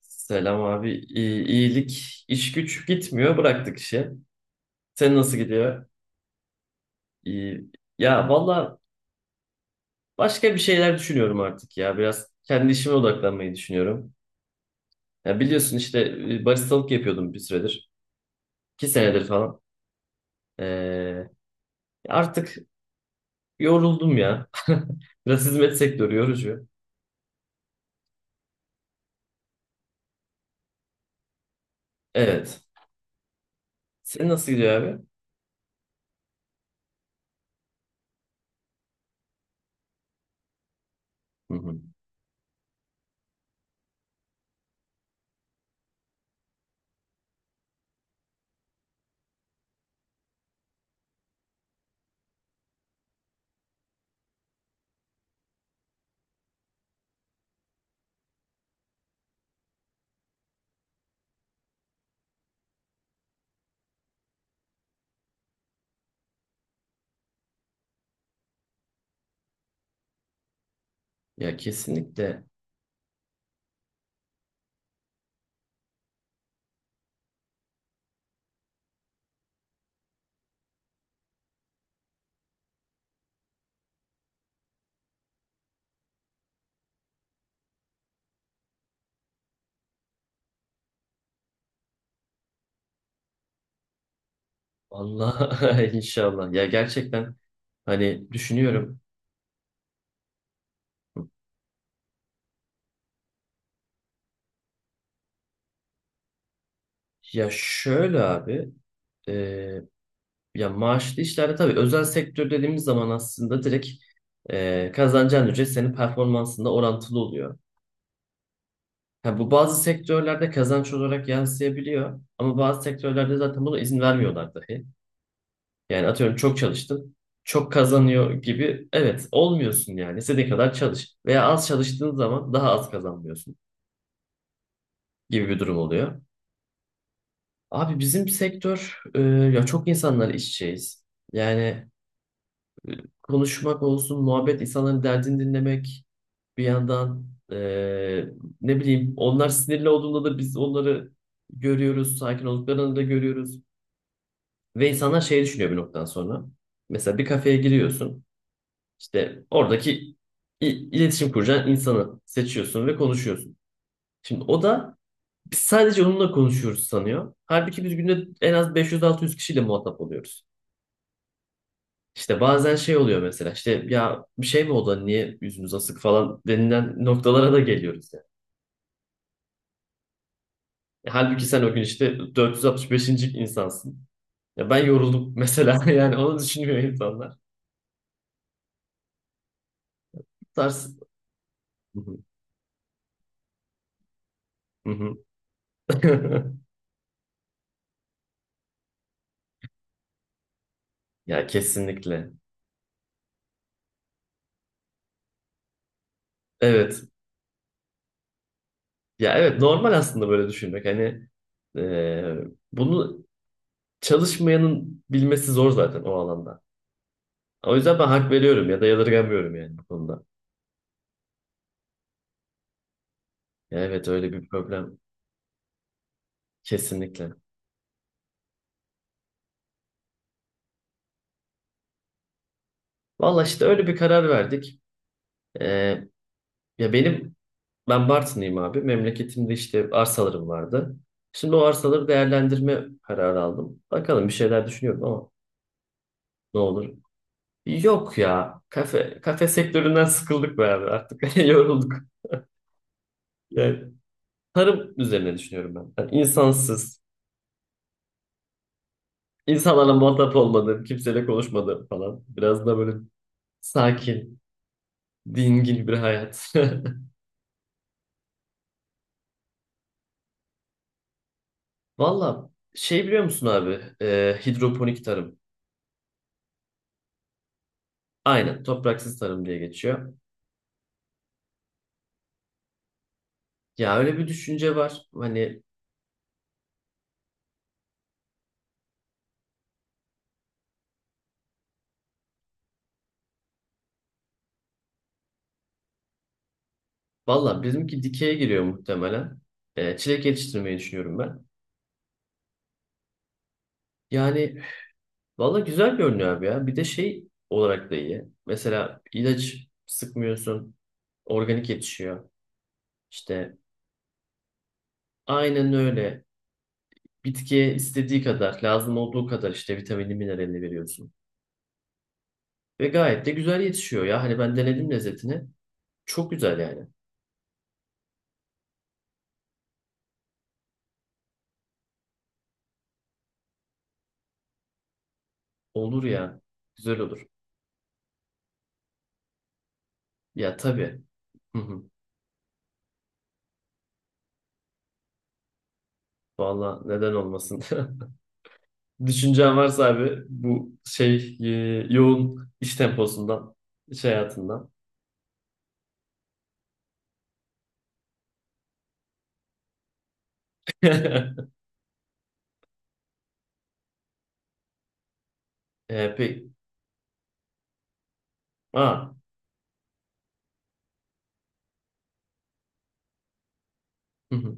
Selam abi. İyilik, iş güç gitmiyor. Bıraktık işi. Sen nasıl gidiyor? İyi. Ya valla başka bir şeyler düşünüyorum artık ya. Biraz kendi işime odaklanmayı düşünüyorum. Ya biliyorsun işte baristalık yapıyordum bir süredir. İki senedir falan. Ee, Artık yoruldum ya. Biraz hizmet sektörü yorucu. Evet. Senin nasıl gidiyor abi? Hı hı. Ya kesinlikle. Vallahi inşallah. Ya gerçekten hani düşünüyorum. Ya şöyle abi, e, ya maaşlı işlerde tabii özel sektör dediğimiz zaman aslında direkt kazanacağın ücret senin performansında orantılı oluyor. Ha, bu bazı sektörlerde kazanç olarak yansıyabiliyor ama bazı sektörlerde zaten buna izin vermiyorlar dahi. Yani atıyorum çok çalıştın, çok kazanıyor gibi evet olmuyorsun yani istediğin kadar çalış veya az çalıştığın zaman daha az kazanmıyorsun gibi bir durum oluyor. Abi bizim sektör ya çok insanlar işçiyiz. Yani konuşmak olsun, muhabbet, insanların derdini dinlemek bir yandan e, ne bileyim onlar sinirli olduğunda da biz onları görüyoruz, sakin olduklarını da görüyoruz. Ve insanlar şey düşünüyor bir noktadan sonra. Mesela bir kafeye giriyorsun, işte oradaki iletişim kuracağın insanı seçiyorsun ve konuşuyorsun. Şimdi o da biz sadece onunla konuşuyoruz sanıyor. Halbuki biz günde en az 500-600 kişiyle muhatap oluyoruz. İşte bazen şey oluyor mesela işte ya bir şey mi oldu hani niye yüzümüz asık falan denilen noktalara da geliyoruz yani. Halbuki sen o gün işte 465. insansın. Ya ben yoruldum mesela yani onu düşünmüyor insanlar. Bu tarz. Hı hı, hı hı. Ya kesinlikle. Evet. Ya evet normal aslında böyle düşünmek. Hani e, bunu çalışmayanın bilmesi zor zaten o alanda. O yüzden ben hak veriyorum ya da yadırgamıyorum yani bu konuda. Ya evet öyle bir problem kesinlikle. Valla işte öyle bir karar verdik. Ee, Ya ben Bartın'ıyım abi. Memleketimde işte arsalarım vardı. Şimdi o arsaları değerlendirme kararı aldım. Bakalım bir şeyler düşünüyorum ama ne olur. Yok ya. Kafe sektöründen sıkıldık be abi. Artık yorulduk. Yani tarım üzerine düşünüyorum ben. Yani insansız, insanlarla muhatap olmadım, kimseyle konuşmadım falan. Biraz da böyle sakin, dingin bir hayat. Valla şey biliyor musun abi? Hidroponik tarım. Aynen topraksız tarım diye geçiyor. Ya öyle bir düşünce var. Hani valla bizimki dikeye giriyor muhtemelen. Çilek yetiştirmeyi düşünüyorum ben. Yani valla güzel görünüyor abi ya. Bir de şey olarak da iyi. Mesela ilaç sıkmıyorsun. Organik yetişiyor. İşte aynen öyle. Bitkiye istediği kadar, lazım olduğu kadar işte vitamini, mineralini veriyorsun. Ve gayet de güzel yetişiyor ya. Hani ben denedim lezzetini. Çok güzel yani. Olur ya. Güzel olur. Ya tabii. Valla neden olmasın? Düşüncen varsa abi bu şey yoğun iş temposundan, iş hayatından. Peki. Aa. Hı hı,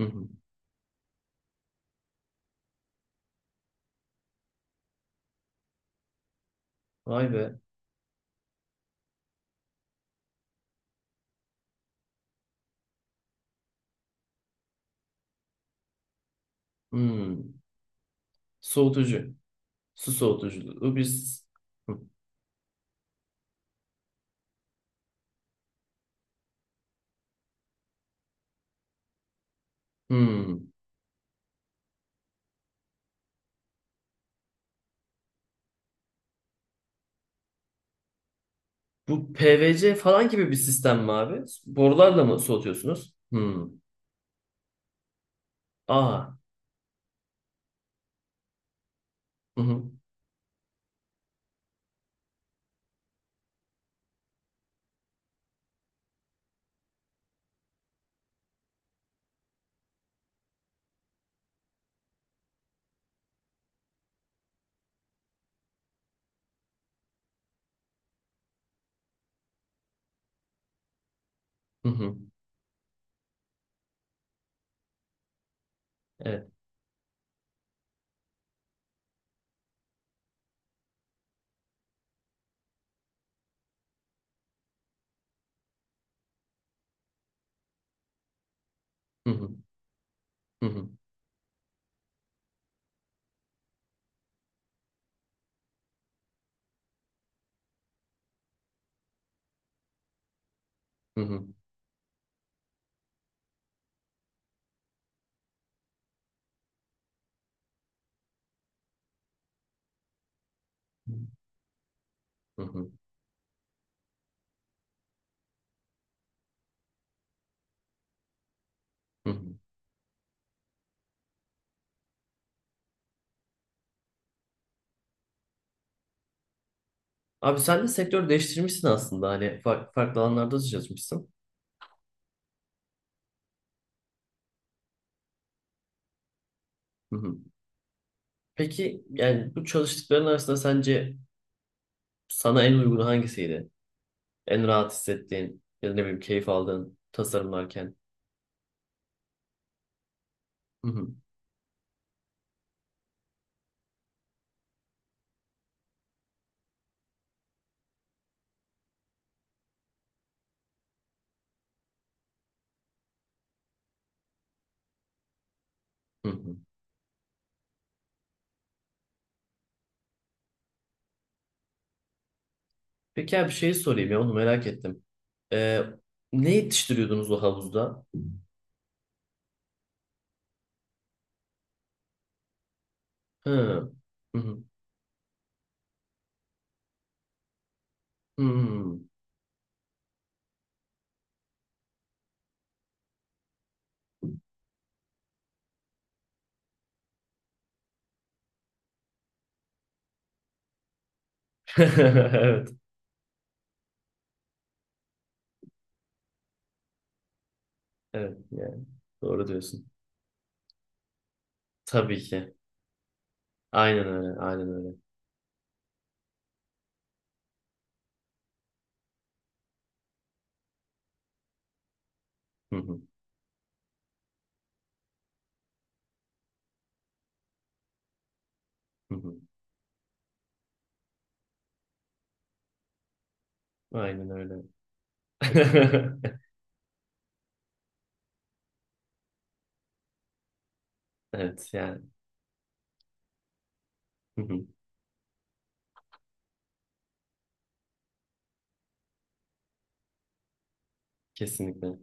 hı hı. Vay be. Hmm. Soğutucu. Su soğutuculuğu biz... Hı. Hmm. Bu PVC falan gibi bir sistem mi abi? Borularla mı soğutuyorsunuz? Hmm. Aa. Hı hı, hı hı. Evet. Hı hı, hı hı, hı hı, hı hı, hı hı. Abi sen de sektör değiştirmişsin aslında hani farklı, farklı alanlarda da çalışmışsın. Hı hı. Peki yani bu çalıştıkların arasında sence sana en uygun hangisiydi? En rahat hissettiğin ya da ne bileyim keyif aldığın tasarımlarken. Hı hı. Hı hı. Peki abi bir şey sorayım ya onu merak ettim. Ee, Ne yetiştiriyordunuz o havuzda? Hı. Hı hı. Hmm. Evet. Evet yani doğru diyorsun. Tabii ki. Aynen öyle. Aynen öyle. Hı hı. Hı hı. Aynen öyle. Evet yani hı hı, kesinlikle.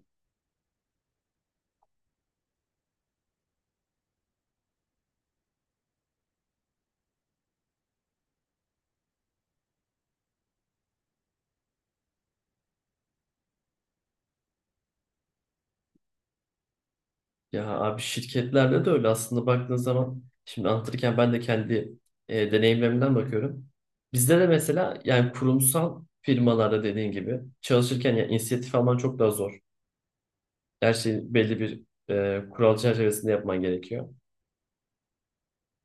Ya abi şirketlerde de öyle aslında baktığın zaman şimdi anlatırken ben de kendi deneyimlerimden bakıyorum. Bizde de mesela yani kurumsal firmalarda dediğin gibi çalışırken ya inisiyatif alman çok daha zor. Her şeyi belli bir kural çerçevesinde yapman gerekiyor.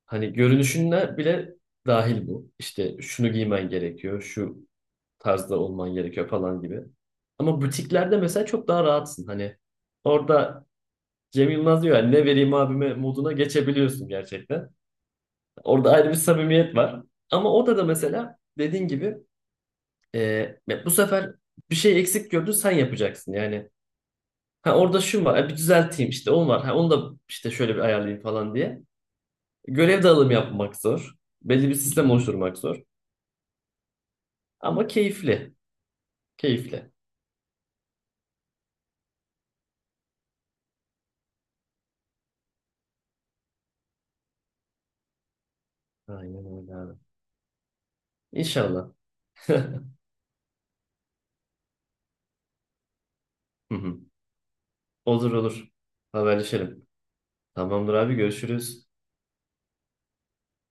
Hani görünüşüne bile dahil bu. İşte şunu giymen gerekiyor, şu tarzda olman gerekiyor falan gibi. Ama butiklerde mesela çok daha rahatsın. Hani orada Cem Yılmaz diyor yani ne vereyim abime moduna geçebiliyorsun gerçekten. Orada ayrı bir samimiyet var. Ama o da mesela dediğin gibi e, bu sefer bir şey eksik gördün sen yapacaksın yani. Ha orada şu var ha, bir düzelteyim işte onu var. Ha onu da işte şöyle bir ayarlayayım falan diye. Görev dağılımı yapmak zor. Belli bir sistem oluşturmak zor. Ama keyifli. Keyifli. Aynen öyle abi. İnşallah. Hı hı. Olur olur. Haberleşelim. Tamamdır abi görüşürüz.